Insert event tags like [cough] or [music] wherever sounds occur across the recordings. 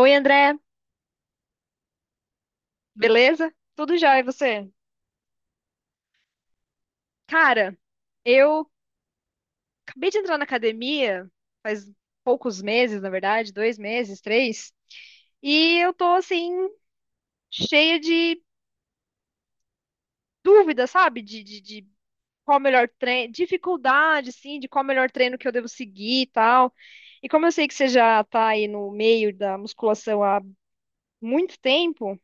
Oi, André, beleza? Tudo jóia, e você? Cara, eu acabei de entrar na academia faz poucos meses, na verdade, 2 meses, 3, e eu tô assim, cheia de dúvidas, sabe? De qual o melhor treino, dificuldade, assim, de qual o melhor treino que eu devo seguir e tal. E como eu sei que você já tá aí no meio da musculação há muito tempo,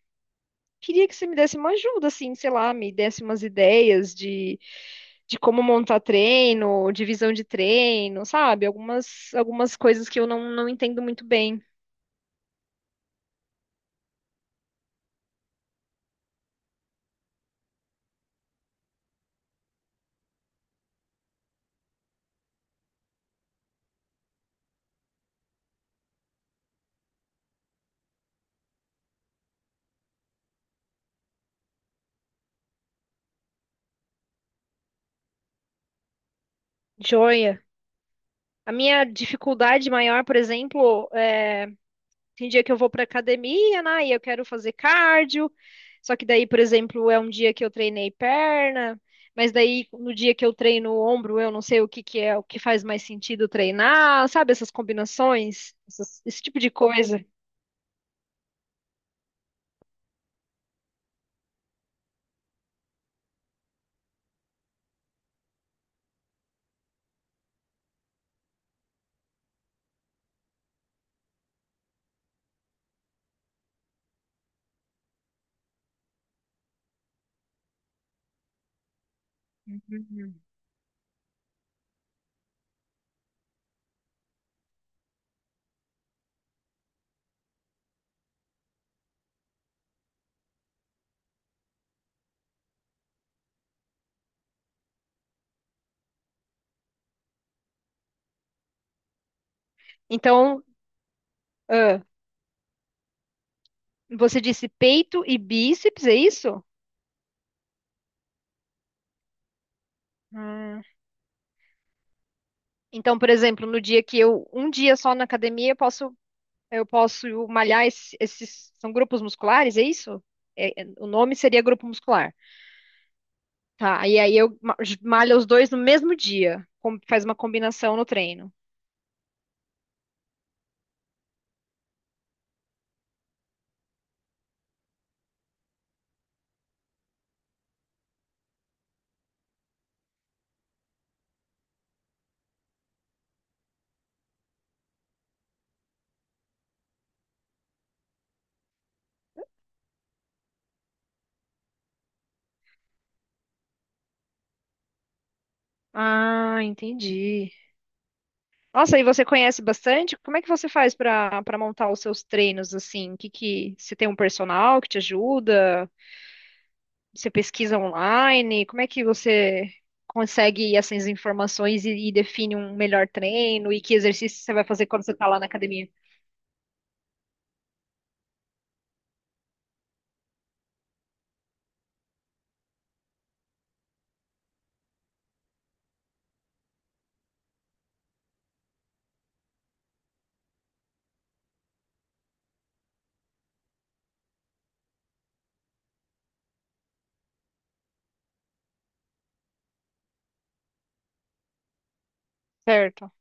queria que você me desse uma ajuda, assim, sei lá, me desse umas ideias de como montar treino, divisão de treino, sabe? Algumas coisas que eu não entendo muito bem. Joia. A minha dificuldade maior, por exemplo, é tem dia que eu vou pra academia, né? E eu quero fazer cardio. Só que daí, por exemplo, é um dia que eu treinei perna, mas daí no dia que eu treino o ombro, eu não sei o que que é, o que faz mais sentido treinar, sabe? Essas combinações, esse tipo de coisa. Uhum. Então, ah, você disse peito e bíceps, é isso? Ah, então, por exemplo, no dia que eu, um dia só na academia, eu posso eu posso malhar esses. São grupos musculares, é isso? O nome seria grupo muscular. Tá, e aí eu malho os dois no mesmo dia. Faz uma combinação no treino. Ah, entendi. Nossa, e você conhece bastante? Como é que você faz para montar os seus treinos assim? Que você tem um personal que te ajuda? Você pesquisa online? Como é que você consegue essas informações e define um melhor treino e que exercício você vai fazer quando você está lá na academia? Certo.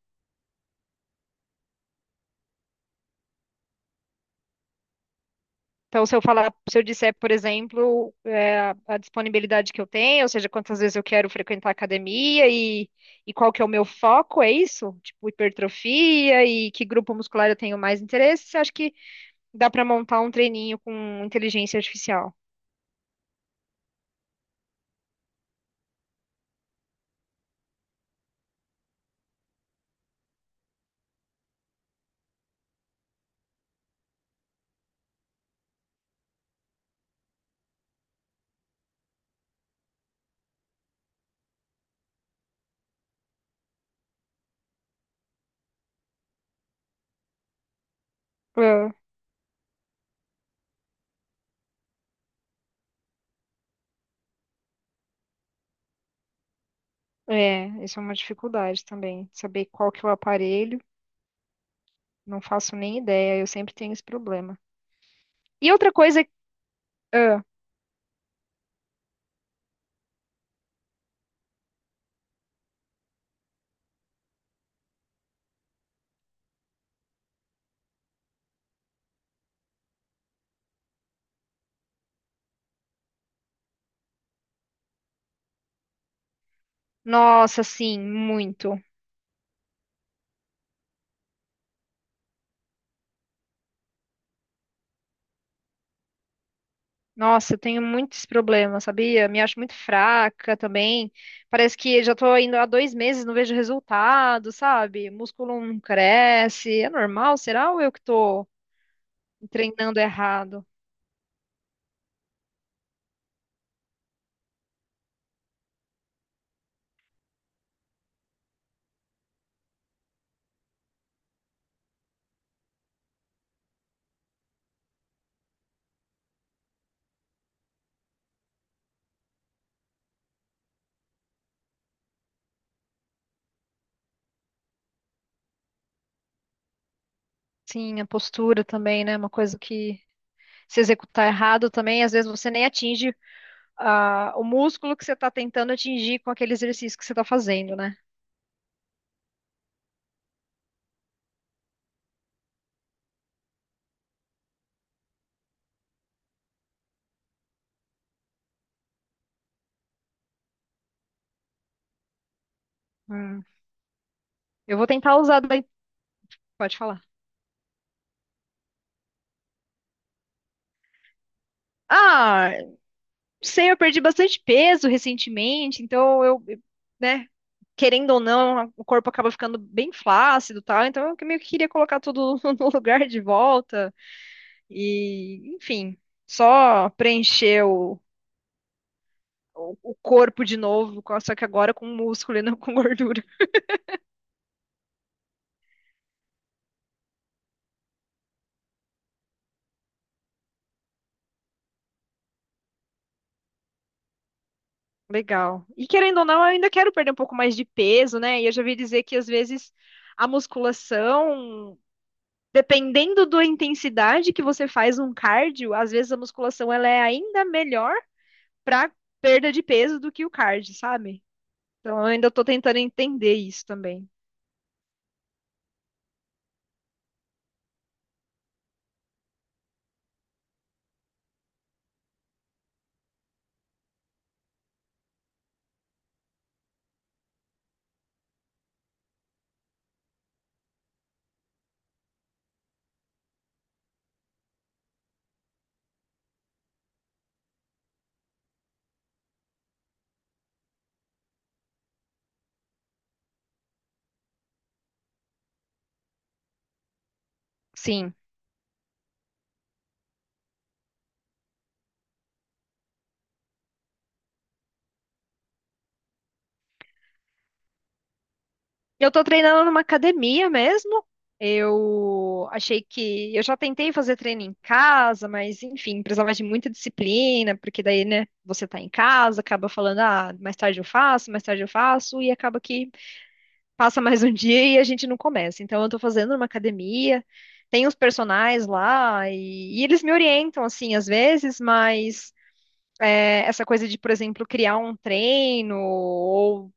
Então, se eu falar, se eu disser, por exemplo, é, a disponibilidade que eu tenho, ou seja, quantas vezes eu quero frequentar a academia e qual que é o meu foco, é isso? Tipo, hipertrofia e que grupo muscular eu tenho mais interesse, acho que dá para montar um treininho com inteligência artificial. Ah, é, isso é uma dificuldade também, saber qual que é o aparelho, não faço nem ideia, eu sempre tenho esse problema. E outra coisa, ah, nossa, sim, muito. Nossa, eu tenho muitos problemas, sabia? Me acho muito fraca também. Parece que já tô indo há 2 meses, não vejo resultado, sabe? Músculo não cresce. É normal? Será ou eu que tô treinando errado? Sim, a postura também, né? Uma coisa que se executar errado também, às vezes você nem atinge o músculo que você tá tentando atingir com aquele exercício que você tá fazendo, né? Hum. Eu vou tentar usar daí. Pode falar. Ah. Não sei, eu perdi bastante peso recentemente, então eu, né, querendo ou não, o corpo acaba ficando bem flácido e tal, então eu meio que queria colocar tudo [laughs] no lugar de volta e, enfim, só preencher o, o, corpo de novo, só que agora com músculo e não com [laughs] gordura. Legal. E querendo ou não, eu ainda quero perder um pouco mais de peso, né? E eu já vi dizer que às vezes a musculação. Dependendo da intensidade que você faz um cardio, às vezes a musculação ela é ainda melhor para perda de peso do que o cardio, sabe? Então eu ainda tô tentando entender isso também. Sim. Eu tô treinando numa academia mesmo. Eu achei que eu já tentei fazer treino em casa, mas enfim, precisava de muita disciplina, porque daí, né, você tá em casa, acaba falando, ah, mais tarde eu faço, mais tarde eu faço, e acaba que passa mais um [laughs] dia e a gente não começa. Então, eu tô fazendo uma academia, tem os personagens lá e eles me orientam, assim, às vezes, mas é, essa coisa de, por exemplo, criar um treino ou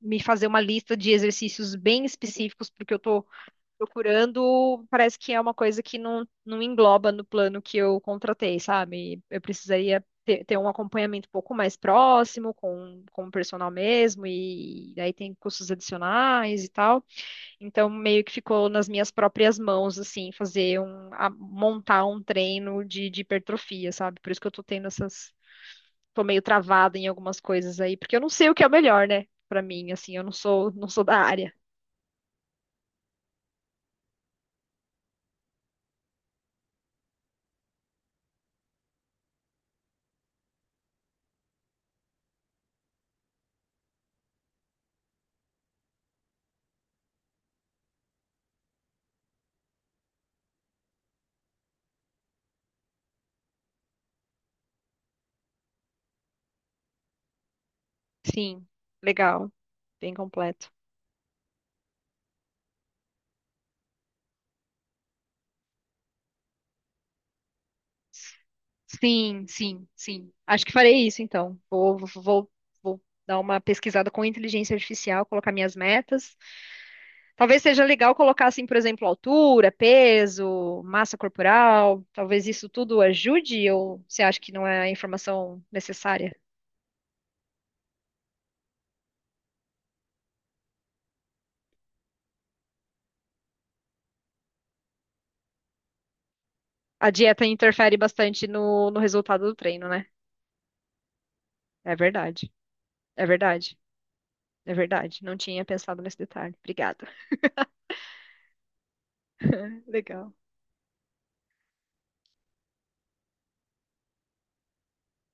me fazer uma lista de exercícios bem específicos porque eu tô procurando, parece que é uma coisa que não engloba no plano que eu contratei, sabe? Eu precisaria ter um acompanhamento um pouco mais próximo com o personal mesmo, e daí tem custos adicionais e tal. Então, meio que ficou nas minhas próprias mãos, assim, fazer um, montar um treino de hipertrofia, sabe? Por isso que eu tô tendo essas, tô meio travada em algumas coisas aí, porque eu não sei o que é o melhor, né? Pra mim, assim, eu não sou da área. Sim, legal, bem completo. Sim, sim, sim. Acho que farei isso, então. Vou dar uma pesquisada com inteligência artificial, colocar minhas metas. Talvez seja legal colocar assim, por exemplo, altura, peso, massa corporal. Talvez isso tudo ajude ou você acha que não é a informação necessária? A dieta interfere bastante no resultado do treino, né? É verdade. É verdade. É verdade. Não tinha pensado nesse detalhe. Obrigada. [laughs] Legal.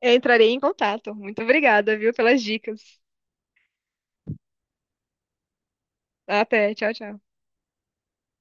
Eu entrarei em contato. Muito obrigada, viu, pelas dicas. Até. Tchau, tchau.